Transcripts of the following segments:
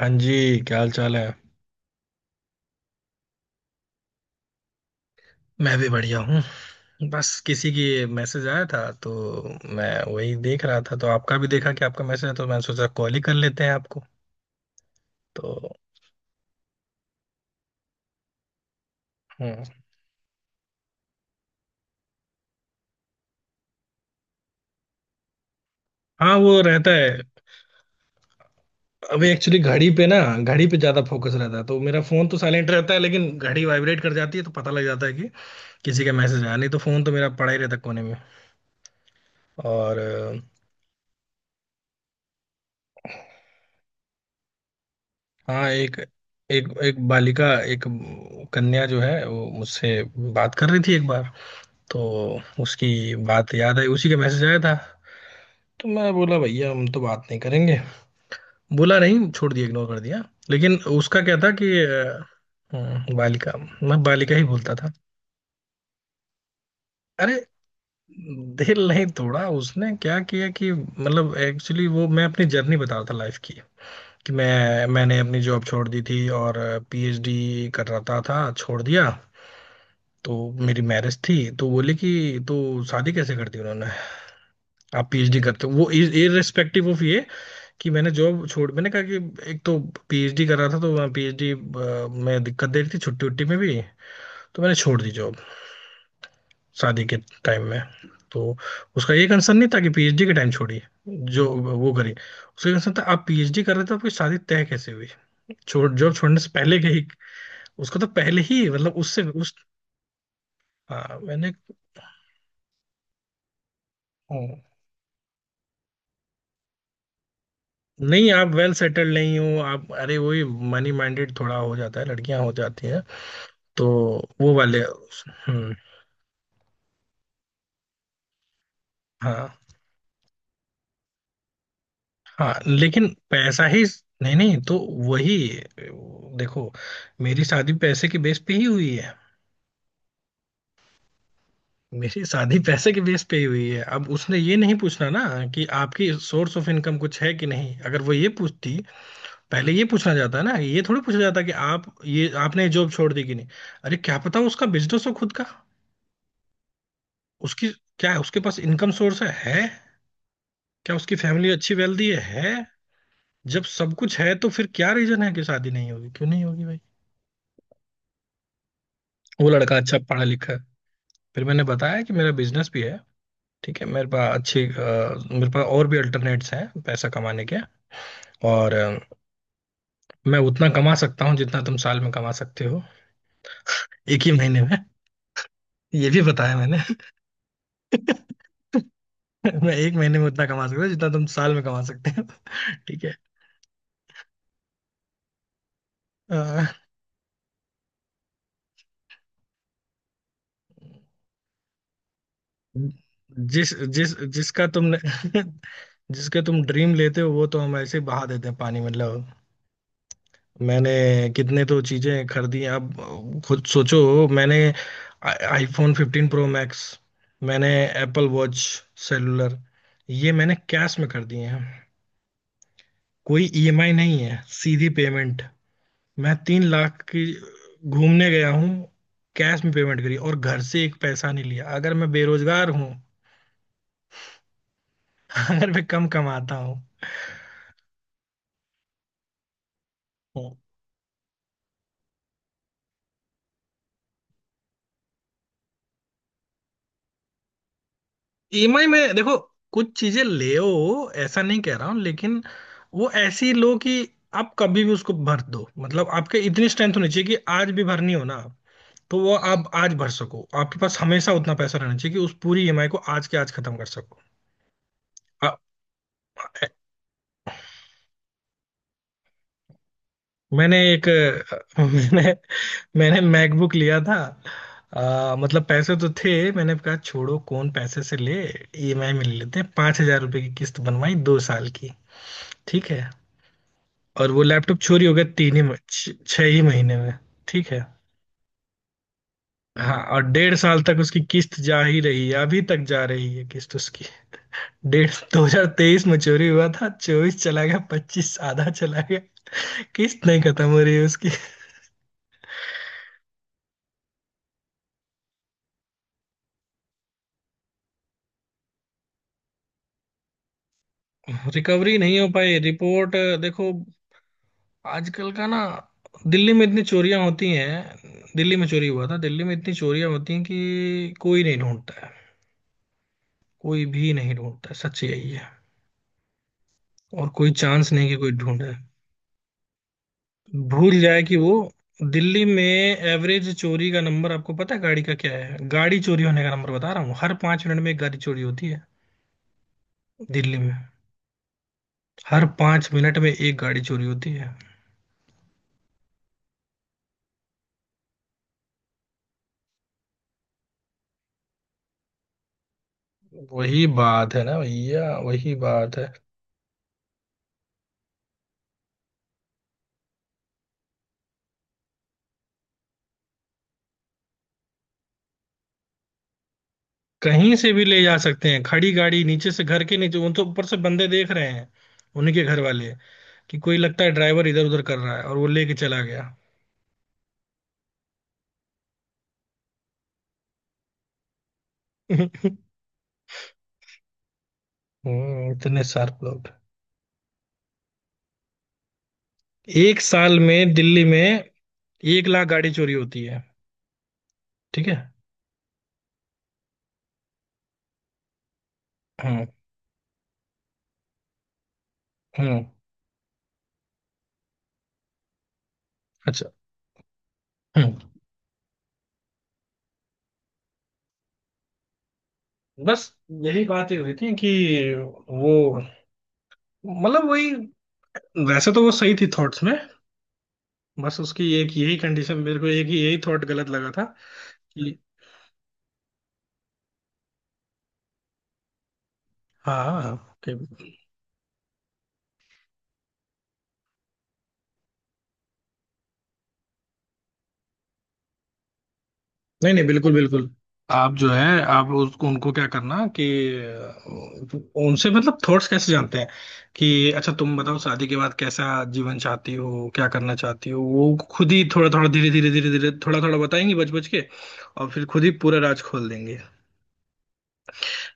हाँ जी, क्या हाल चाल है। मैं भी बढ़िया हूँ। बस किसी की मैसेज आया था तो मैं वही देख रहा था, तो आपका भी देखा कि आपका मैसेज है, तो मैंने सोचा कॉल ही कर लेते हैं आपको तो। हम्म। हाँ वो रहता है। अभी एक्चुअली घड़ी पे ना, घड़ी पे ज्यादा फोकस रहता है तो मेरा फोन तो साइलेंट रहता है, लेकिन घड़ी वाइब्रेट कर जाती है तो पता लग जाता है कि किसी का मैसेज आया, नहीं तो फोन तो मेरा पड़ा ही रहता है कोने में। और अ, हाँ एक, एक बालिका, एक कन्या जो है वो मुझसे बात कर रही थी एक बार, तो उसकी बात याद आई, उसी का मैसेज आया था। तो मैं बोला, भैया हम तो बात नहीं करेंगे। बोला नहीं, छोड़ दिया, इग्नोर कर दिया। लेकिन उसका क्या था कि बालिका मैं बालिका ही बोलता था। अरे दिल नहीं तोड़ा, उसने क्या किया कि, मतलब एक्चुअली, वो मैं अपनी जर्नी बता रहा था लाइफ की कि मैंने अपनी जॉब छोड़ दी थी और पीएचडी कर रहा था, छोड़ दिया तो। मेरी मैरिज थी तो बोले कि, तो शादी कैसे कर दी उन्होंने, आप पीएचडी करते हो, वो इररिस्पेक्टिव ऑफ ये कि मैंने जॉब छोड़। मैंने कहा कि, एक तो पीएचडी कर रहा था तो पीएचडी में दिक्कत दे रही थी, छुट्टी उट्टी में भी, तो मैंने छोड़ दी जॉब शादी के टाइम में। तो उसका ये कंसर्न नहीं था कि पीएचडी के टाइम छोड़ी जो वो करी, उसका कंसर्न था आप पीएचडी कर रहे थे तो आपकी शादी तय कैसे हुई, छोड़ जॉब छोड़ने से पहले के ही। उसका तो पहले ही मतलब, उससे उस, हाँ मैंने, हाँ। नहीं आप वेल सेटल्ड नहीं हो आप, अरे वही मनी माइंडेड थोड़ा हो जाता है, लड़कियां हो जाती हैं। तो वो वाले, हम्म, हाँ। हाँ लेकिन पैसा ही नहीं नहीं तो वही, देखो मेरी शादी पैसे के बेस पे ही हुई है। मेरी शादी पैसे के बेस पे ही हुई है। अब उसने ये नहीं पूछना ना कि आपकी सोर्स ऑफ इनकम कुछ है कि नहीं। अगर वो ये पूछती, पहले ये पूछना जाता ना, ये थोड़ी पूछा जाता कि आप ये आपने जॉब छोड़ दी कि नहीं। अरे क्या पता उसका बिजनेस हो खुद का, उसकी क्या है, उसके पास इनकम सोर्स है है? क्या उसकी फैमिली अच्छी वेल्दी है है? जब सब कुछ है तो फिर क्या रीजन है कि शादी नहीं होगी, क्यों नहीं होगी भाई। वो लड़का अच्छा पढ़ा लिखा है। फिर मैंने बताया कि मेरा बिजनेस भी है, ठीक है, मेरे पास अच्छी मेरे पास और भी अल्टरनेट्स हैं पैसा कमाने के। और अ, मैं उतना कमा सकता हूँ जितना तुम साल में कमा सकते हो एक ही महीने में। ये भी बताया मैंने। मैं एक महीने में उतना कमा सकता हूँ जितना तुम साल में कमा सकते हो। ठीक है। अ, जिस जिस जिसका तुमने, जिसके तुम ड्रीम लेते हो वो तो हम ऐसे ही बहा देते हैं पानी मतलब। मैंने कितने तो चीजें खरीदी हैं। अब खुद सोचो, मैंने आईफोन 15 प्रो मैक्स, मैंने एप्पल वॉच सेलुलर, ये मैंने कैश में खरीदी हैं। कोई ईएमआई नहीं है, सीधी पेमेंट। मैं 3 लाख की घूमने गया हूँ, कैश में पेमेंट करी, और घर से एक पैसा नहीं लिया। अगर मैं बेरोजगार हूँ, अगर मैं कम कमाता हूँ। ईएमआई में देखो, कुछ चीजें ले ओ, ऐसा नहीं कह रहा हूँ, लेकिन वो ऐसी लो कि आप कभी भी उसको भर दो, मतलब आपके इतनी स्ट्रेंथ होनी चाहिए कि आज भी भरनी हो ना तो वो आप आज भर सको। आपके पास हमेशा उतना पैसा रहना चाहिए कि उस पूरी ईएमआई को आज के आज खत्म कर सको। आ, मैंने एक, मैंने मैंने मैकबुक लिया था। मतलब पैसे तो थे, मैंने कहा छोड़ो कौन पैसे से ले, ईएमआई में ले लेते हैं, 5000 रुपए की किस्त बनवाई 2 साल की, ठीक है। और वो लैपटॉप चोरी हो गया तीन ही म- छ- 6 ही महीने में। ठीक है। हाँ और 1.5 साल तक उसकी किस्त जा ही रही है, अभी तक जा रही है किस्त उसकी। डेढ़, 2023 में चोरी हुआ था, चौबीस चला गया, पच्चीस आधा चला गया, किस्त नहीं खत्म हो रही है उसकी। रिकवरी नहीं हो पाई, रिपोर्ट देखो आजकल का ना, दिल्ली में इतनी चोरियां होती हैं, दिल्ली में चोरी हुआ था, दिल्ली में इतनी चोरियां होती हैं कि कोई नहीं ढूंढता है। कोई भी नहीं ढूंढता है, सच यही है। और कोई चांस नहीं कि कोई ढूंढे। भूल जाए कि वो, दिल्ली में एवरेज चोरी का नंबर आपको पता है गाड़ी का क्या है? गाड़ी चोरी होने का नंबर बता रहा हूँ, हर 5 मिनट में 1 गाड़ी चोरी होती है दिल्ली में। हर 5 मिनट में 1 गाड़ी चोरी होती है। वही बात है ना भैया, वही बात है। कहीं से भी ले जा सकते हैं, खड़ी गाड़ी नीचे से, घर के नीचे उन, तो ऊपर से बंदे देख रहे हैं, उन्हीं के घर वाले, कि कोई लगता है ड्राइवर इधर उधर कर रहा है, और वो लेके चला गया। हम्म, इतने शार्प लोग। एक साल में दिल्ली में 1 लाख गाड़ी चोरी होती है। ठीक है। हम्म। हम्म। अच्छा। हम्म। बस यही बातें हुई थी कि वो, मतलब वही, वैसे तो वो सही थी थॉट्स में, बस उसकी एक यही कंडीशन, मेरे को एक ही यही थॉट गलत लगा था कि, हाँ हाँ, okay, नहीं नहीं, बिल्कुल बिल्कुल। आप जो है, आप उसको उनको क्या करना कि अ, उनसे मतलब थॉट्स कैसे जानते हैं कि, अच्छा तुम बताओ शादी के बाद कैसा जीवन चाहती हो, क्या करना चाहती हो, वो खुद ही थोड़ा थोड़ा, धीरे धीरे धीरे धीरे, थोड़ा थोड़ा बताएंगे बच बच के, और फिर खुद ही पूरा राज खोल देंगे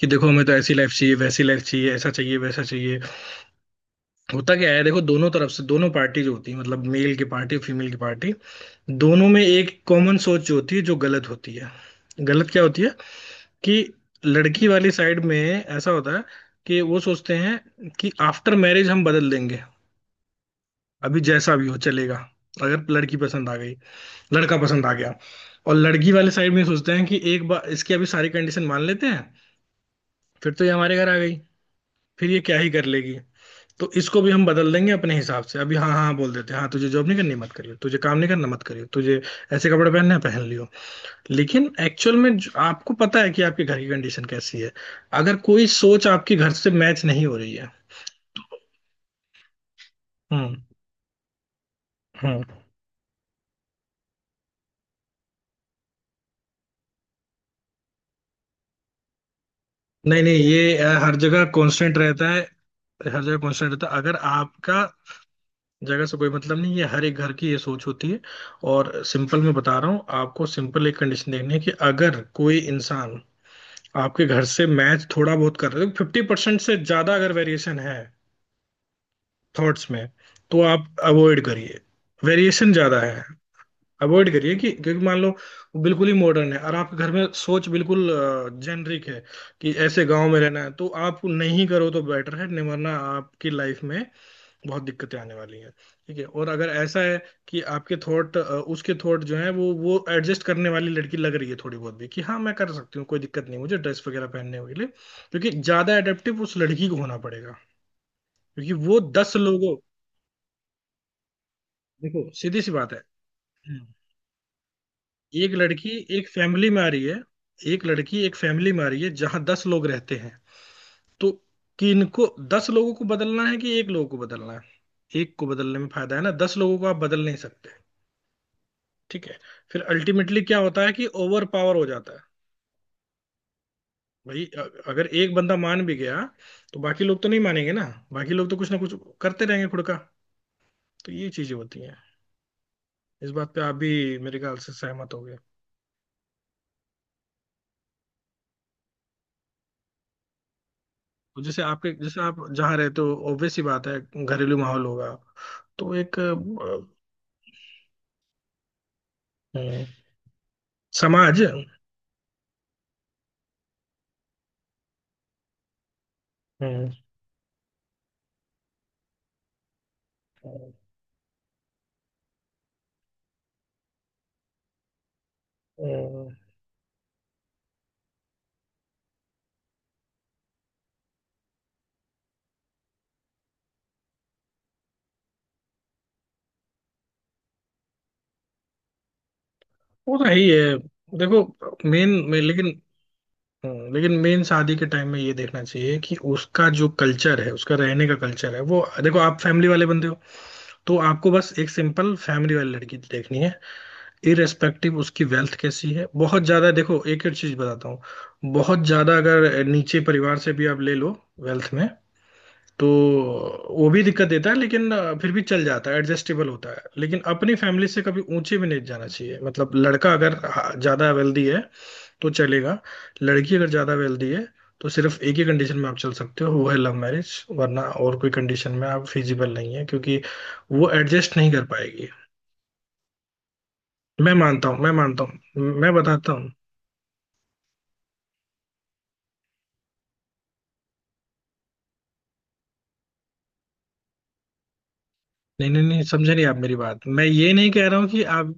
कि देखो हमें तो ऐसी लाइफ चाहिए, वैसी लाइफ चाहिए, ऐसा चाहिए, वैसा चाहिए। होता क्या है देखो, दोनों तरफ से, दोनों पार्टी जो होती है, मतलब मेल की पार्टी और फीमेल की पार्टी, दोनों में एक कॉमन सोच जो होती है जो गलत होती है। गलत क्या होती है कि, लड़की वाली साइड में ऐसा होता है कि वो सोचते हैं कि आफ्टर मैरिज हम बदल देंगे, अभी जैसा भी हो चलेगा, अगर लड़की पसंद आ गई, लड़का पसंद आ गया। और लड़की वाले साइड में सोचते हैं कि एक बार इसकी अभी सारी कंडीशन मान लेते हैं, फिर तो ये हमारे घर आ गई, फिर ये क्या ही कर लेगी, तो इसको भी हम बदल देंगे अपने हिसाब से। अभी हाँ हाँ हाँ बोल देते हैं, हाँ तुझे जॉब नहीं करनी मत करियो, तुझे काम नहीं करना मत करियो, तुझे ऐसे कपड़े पहनने हैं, पहन लियो। लेकिन एक्चुअल में जो, आपको पता है कि आपके घर की कंडीशन कैसी है। अगर कोई सोच आपके घर से मैच नहीं हो रही है, हम्म, हम्म, नहीं नहीं, ये हर जगह कांस्टेंट रहता है। हर जगह कांस्टेंट रहता है। अगर आपका, जगह से कोई मतलब नहीं, ये हर एक घर की ये सोच होती है। और सिंपल मैं बता रहा हूँ आपको, सिंपल एक कंडीशन देखनी है, कि अगर कोई इंसान आपके घर से मैच थोड़ा बहुत कर रहे हो, 50% से ज्यादा अगर वेरिएशन है थॉट्स में, तो आप अवॉइड करिए। वेरिएशन ज्यादा है, अवॉइड करिए। कि क्योंकि मान लो वो बिल्कुल ही मॉडर्न है, और आपके घर में सोच बिल्कुल जेनरिक है, कि ऐसे गांव में रहना है, तो आप नहीं करो तो बेटर है, नहीं वरना आपकी लाइफ में बहुत दिक्कतें आने वाली हैं। ठीक है। और अगर ऐसा है कि आपके थॉट उसके थॉट जो है, वो एडजस्ट करने वाली लड़की लग रही है थोड़ी बहुत भी, कि हाँ मैं कर सकती हूँ, कोई दिक्कत नहीं मुझे ड्रेस वगैरह पहनने के लिए, क्योंकि ज्यादा एडेप्टिव उस लड़की को होना पड़ेगा, क्योंकि वो 10 लोगों, देखो सीधी सी बात है। एक लड़की एक फैमिली में आ रही है, एक लड़की एक फैमिली में आ रही है जहां 10 लोग रहते हैं, तो किनको, 10 लोगों को बदलना है कि एक लोगों को बदलना है? एक को बदलने में फायदा है ना, 10 लोगों को आप बदल नहीं सकते। ठीक है। फिर अल्टीमेटली क्या होता है कि ओवर पावर हो जाता है। भाई अगर एक बंदा मान भी गया, तो बाकी लोग तो नहीं मानेंगे ना, बाकी लोग तो कुछ ना कुछ करते रहेंगे खुद का। तो ये चीजें होती हैं। इस बात पे आप भी मेरे ख्याल से सहमत हो। तो जैसे आपके, जैसे आप जहाँ रहते हो ऑब्वियस ही बात है घरेलू माहौल होगा, तो एक अ, अ, समाज अ, अ, वो तो है ही है। देखो मेन में, लेकिन अ, लेकिन मेन शादी के टाइम में ये देखना चाहिए कि उसका जो कल्चर है, उसका रहने का कल्चर है वो देखो। आप फैमिली वाले बंदे हो, तो आपको बस एक सिंपल फैमिली वाली लड़की देखनी है। इरेस्पेक्टिव उसकी वेल्थ कैसी है। बहुत ज्यादा, देखो एक एक चीज बताता हूँ, बहुत ज्यादा अगर नीचे परिवार से भी आप ले लो वेल्थ में, तो वो भी दिक्कत देता है, लेकिन फिर भी चल जाता है, एडजस्टेबल होता है। लेकिन अपनी फैमिली से कभी ऊंचे भी नहीं जाना चाहिए। मतलब लड़का अगर ज्यादा वेल्दी है तो चलेगा, लड़की अगर ज्यादा वेल्दी है तो सिर्फ एक ही कंडीशन में आप चल सकते हो, वो है लव मैरिज। वरना और कोई कंडीशन में आप फिजिबल नहीं है, क्योंकि वो एडजस्ट नहीं कर पाएगी। मैं मानता हूँ। मैं बताता हूँ। नहीं नहीं नहीं, समझ रही आप मेरी बात, मैं ये नहीं कह रहा हूँ कि आप,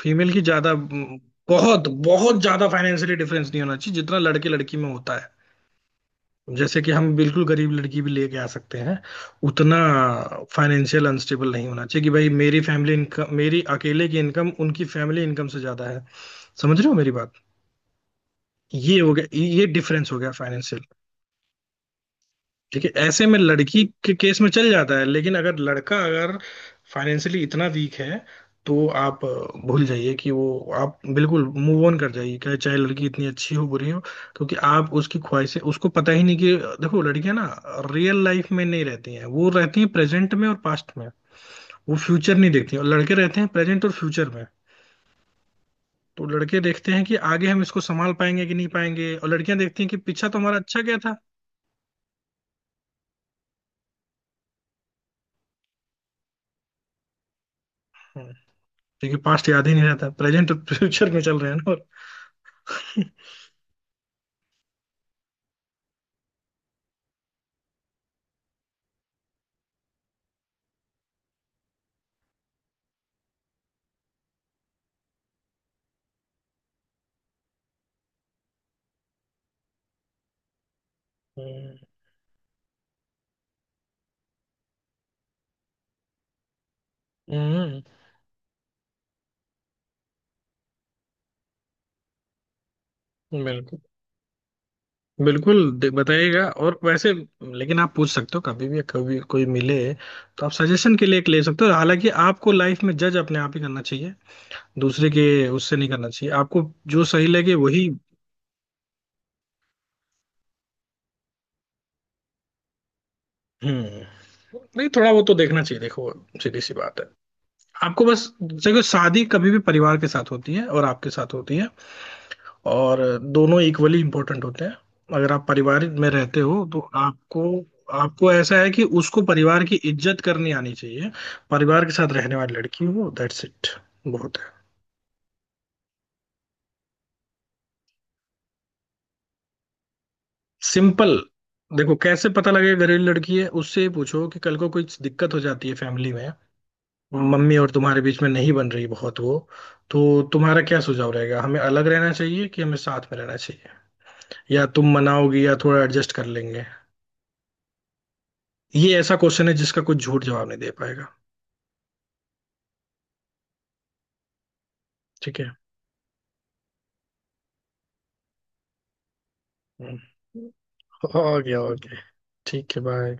फीमेल की ज्यादा म, बहुत बहुत ज्यादा फाइनेंशियली डिफरेंस नहीं होना चाहिए जितना लड़के लड़की में होता है। जैसे कि हम बिल्कुल गरीब लड़की भी लेके आ सकते हैं, उतना फाइनेंशियल अनस्टेबल नहीं होना चाहिए कि भाई मेरी फैमिली इनकम, मेरी अकेले की इनकम उनकी फैमिली इनकम से ज्यादा है। समझ रहे हो मेरी बात। ये हो गया, ये डिफरेंस हो गया। देखिए ऐसे में लड़की के केस में चल जाता है, लेकिन अगर लड़का अगर फाइनेंशियली इतना वीक है, तो आप भूल जाइए कि वो, आप बिल्कुल मूव ऑन कर जाइए, चाहे चाहे लड़की इतनी अच्छी हो बुरी हो। क्योंकि आप उसकी ख्वाहिशें, उसको पता ही नहीं कि, देखो लड़कियां ना रियल लाइफ में नहीं रहती हैं, वो रहती हैं प्रेजेंट में और पास्ट में, वो फ्यूचर नहीं देखती हैं। और लड़के रहते हैं प्रेजेंट और फ्यूचर में। तो लड़के देखते हैं कि आगे हम इसको संभाल पाएंगे कि नहीं पाएंगे, और लड़कियां देखती हैं कि पीछा तो हमारा अच्छा गया था। हम्म। क्योंकि पास्ट याद ही नहीं रहता, प्रेजेंट फ्यूचर में चल रहे हैं ना। और हम्म, हम्म, बिल्कुल, बिल्कुल दे- बताइएगा। और वैसे लेकिन आप पूछ सकते हो कभी भी, कभी कोई मिले तो आप सजेशन के लिए एक ले सकते हो, हालांकि आपको लाइफ में जज अपने आप ही करना चाहिए, दूसरे के, उससे नहीं करना चाहिए आपको। जो सही लगे वही। हम्म। नहीं थोड़ा वो तो देखना चाहिए। देखो सीधी सी बात है, आपको बस देखो शादी कभी भी परिवार के साथ होती है और आपके साथ होती है, और दोनों इक्वली इम्पोर्टेंट होते हैं। अगर आप परिवार में रहते हो तो आपको, आपको ऐसा है कि उसको परिवार की इज्जत करनी आनी चाहिए, परिवार के साथ रहने वाली लड़की हो, दैट्स इट। बहुत है। सिंपल। देखो कैसे पता लगेगा घरेलू लड़की है, उससे ही पूछो कि कल को कोई दिक्कत हो जाती है फैमिली में, मम्मी और तुम्हारे बीच में नहीं बन रही बहुत वो, तो तुम्हारा क्या सुझाव रहेगा, हमें अलग रहना चाहिए कि हमें साथ में रहना चाहिए, या तुम मनाओगी या थोड़ा एडजस्ट कर लेंगे। ये ऐसा क्वेश्चन है जिसका कुछ झूठ जवाब नहीं दे पाएगा। ठीक है। हम्म, हो गया हो गया। ठीक है, बाय।